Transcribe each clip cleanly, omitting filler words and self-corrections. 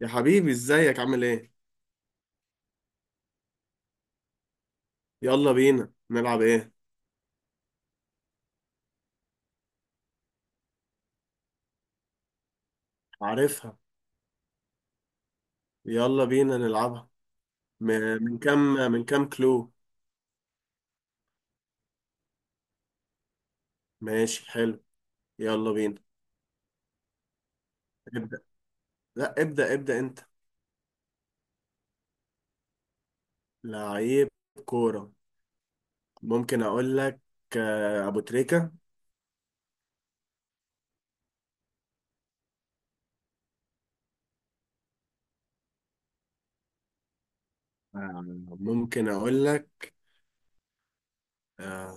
يا حبيبي ازيك عامل ايه؟ يلا بينا نلعب ايه؟ عارفها. يلا بينا نلعبها. من كام؟ من كام كلو؟ ماشي حلو. يلا بينا. ابدأ. لا، ابدأ انت. لعيب كورة؟ ممكن اقول لك؟ ابو تريكة. آه، ممكن اقول لك؟ آه،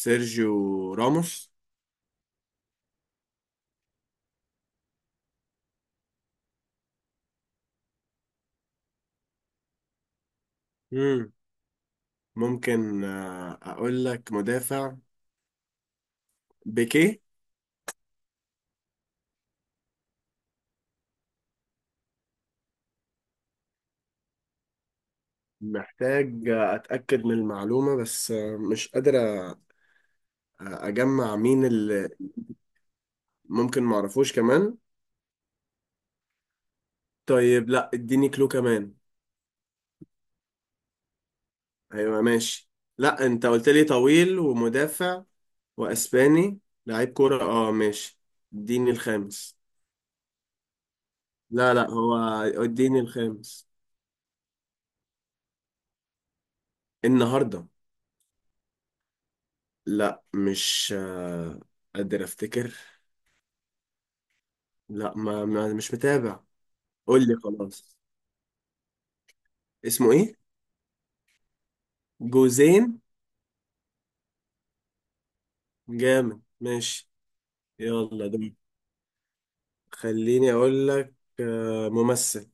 سيرجيو راموس. مم. ممكن اقول لك؟ مدافع. بيكيه. محتاج اتأكد من المعلومة، بس مش قادر اجمع مين اللي. ممكن معرفوش كمان. طيب لا، اديني كلو كمان. هيبقى ماشي. لا، انت قلت لي طويل ومدافع واسباني، لعيب كورة، اه ماشي. اديني الخامس. لا لا، هو. اديني الخامس. النهاردة؟ لا، مش قادر افتكر. لا، ما مش متابع. قول لي خلاص. اسمه ايه؟ جوزين. جامد، ماشي. يلا ده. خليني اقول لك ممثل.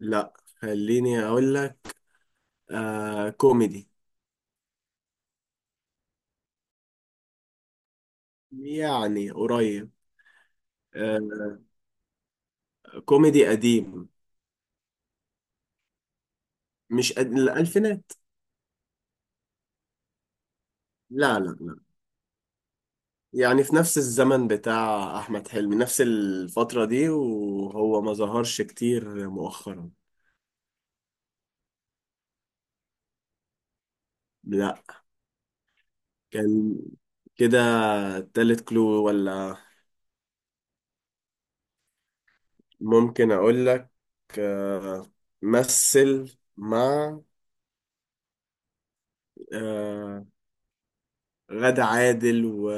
لا. خليني اقول لك كوميدي. يعني قريب. آه كوميدي قديم. مش قد... الالفينات. لا لا لا. يعني في نفس الزمن بتاع احمد حلمي، نفس الفترة دي، وهو ما ظهرش كتير مؤخرا. لا. كان كده. تالت كلو ولا؟ ممكن اقول لك آه مثل مع آه غادة عادل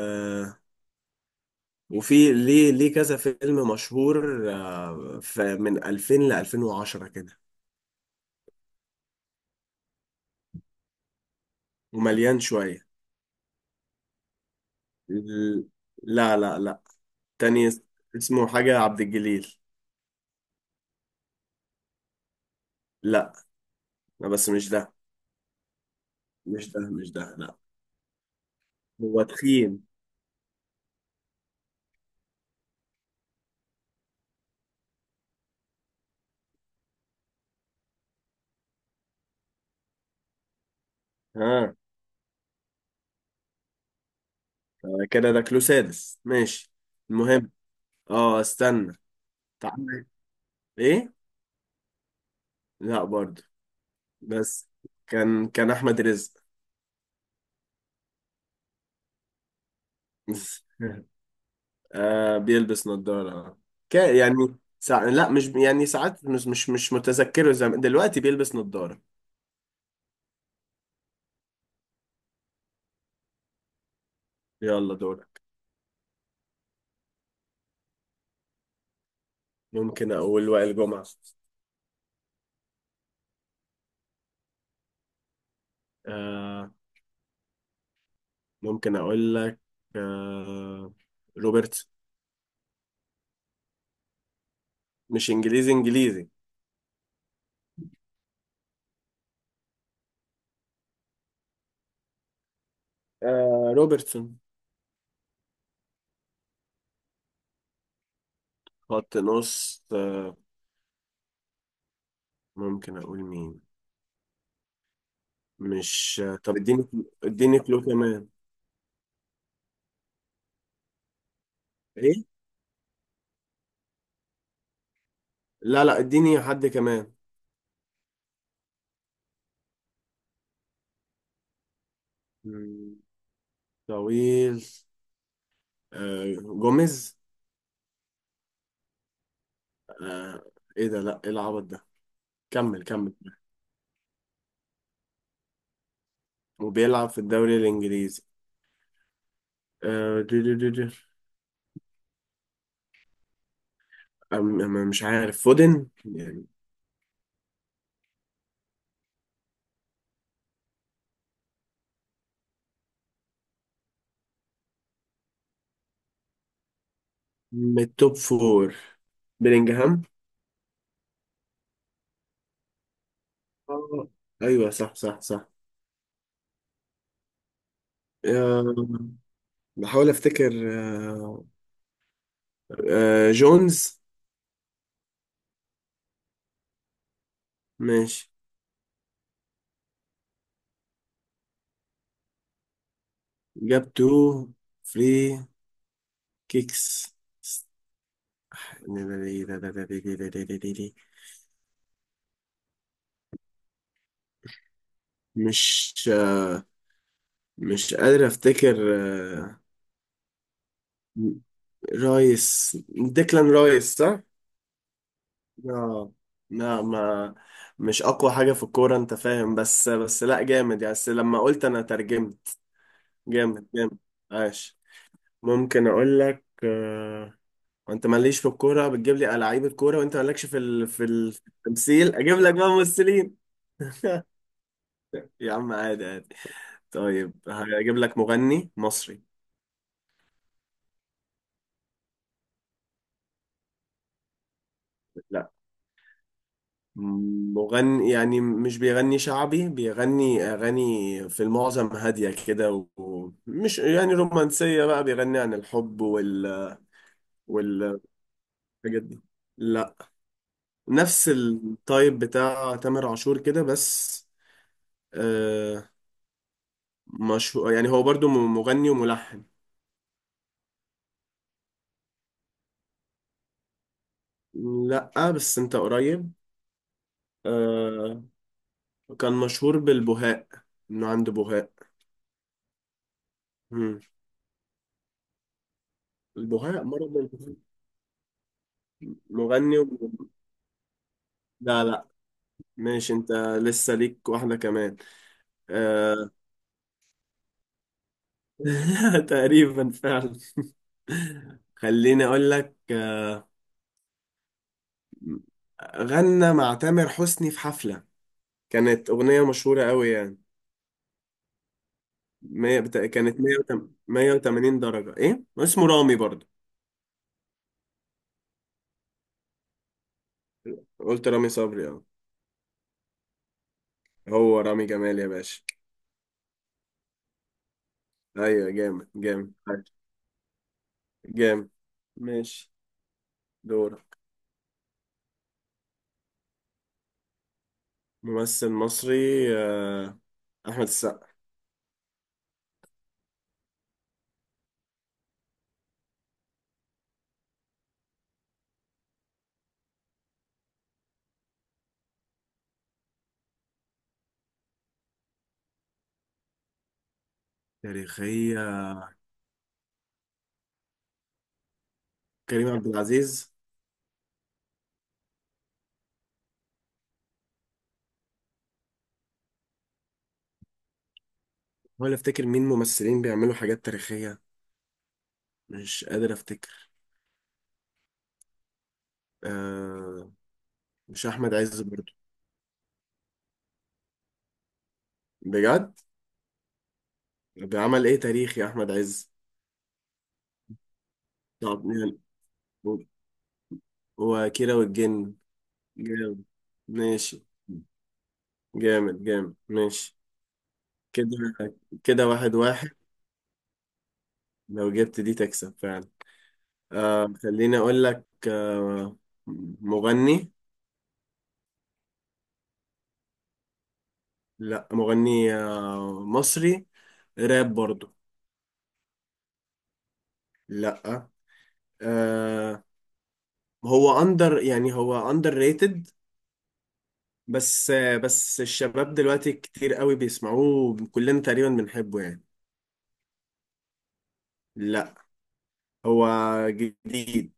وفي ليه كذا فيلم مشهور، من 2000 ل 2010 كده، ومليان شوية. ال- لا لا لا. تاني اس- اسمه حاجة عبد الجليل. لا. لا بس مش ده. مش ده لا. هو تخين. ها. كده ده كلو سادس، ماشي. المهم، اه استنى. تعالى. ايه؟ لا برضه. بس كان، احمد رزق. آه بيلبس نظارة. كا يعني. لا، مش يعني، ساعات مش متذكره زمان، دلوقتي بيلبس نظارة. يلا دورك. ممكن أقول وائل جمعة. آه ممكن أقول لك آه روبرت. مش إنجليزي إنجليزي؟ روبرتسون. خط نص، آه. ممكن أقول مين؟ مش طب اديني. اديني كلو كمان. ايه؟ لا لا، اديني حد كمان. مم، طويل. جوميز. آه، ايه ده؟ لا، ايه العبط ده؟ كمل كمل. وبيلعب في الدوري الانجليزي. آه دي دي دي دي. أم أم مش عارف، فودن يعني. من التوب فور. بلينجهام. آه، ايوه، صح صح صح. آه، بحاول افتكر، جونز. ماشي. جاب تو فري كيكس. مش مش قادر افتكر. آه، رايس، ديكلان رايس صح؟ اه. لا، ما، مش اقوى حاجة في الكورة انت فاهم، بس لا، جامد يعني، بس لما قلت انا ترجمت. جامد جامد. عاش. ممكن اقول لك انت ماليش في الكورة، بتجيب لي لعيبة كورة، وانت مالكش في التمثيل، اجيب لك بقى ممثلين. يا عم عادي عادي. طيب هجيب لك مغني مصري. مغني يعني، مش بيغني شعبي، بيغني أغاني في المعظم هادية كده، ومش يعني رومانسية بقى، بيغني عن الحب والحاجات دي. لا. نفس التايب بتاع تامر عاشور كده، بس آه مشهور يعني، هو برضو مغني وملحن. لا بس انت قريب. آه. كان مشهور بالبهاء، انه عنده بهاء. مم. البهاء، مرض البهاء. مغني و... لا لا. ماشي انت. لسه ليك واحدة كمان. آه... تقريبا فعلا. خليني اقول لك. غنى مع تامر حسني في حفلة، كانت أغنية مشهورة قوي يعني. كانت 180 درجة. إيه؟ اسمه رامي برضه. قلت رامي صبري، اه. هو رامي جمال يا باشا. أيوة. جامد جامد جامد. ماشي. دورك. ممثل مصري. آه، أحمد السقا. تاريخية. كريم عبد العزيز. ولا افتكر مين ممثلين بيعملوا حاجات تاريخية، مش قادر افتكر. آه، مش احمد عز برضو؟ بجد؟ بيعمل ايه تاريخي احمد عز؟ طب يعني، هو هو كيرة والجن. جامد، ماشي. جامد جامد، ماشي. كده. كده واحد واحد. لو جبت دي تكسب فعلا. خليني اقول لك. مغني. لا، مغني مصري، راب برضو. لا. آه هو اندر، يعني هو اندر ريتد بس. بس الشباب دلوقتي كتير قوي بيسمعوه، كلنا تقريبا بنحبه يعني. لا. هو جديد.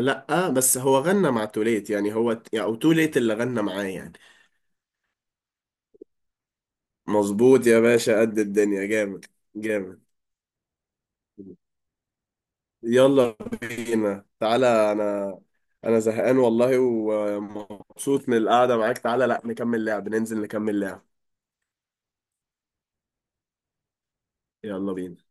لا بس هو غنى مع توليت يعني، هو يعني، او توليت اللي غنى معاه يعني. مظبوط يا باشا، قد الدنيا، جامد جامد. يلا بينا تعالى. انا انا زهقان والله، ومبسوط من القعدة معاك، تعالى لا نكمل لعب، ننزل نكمل لعب. يلا بينا.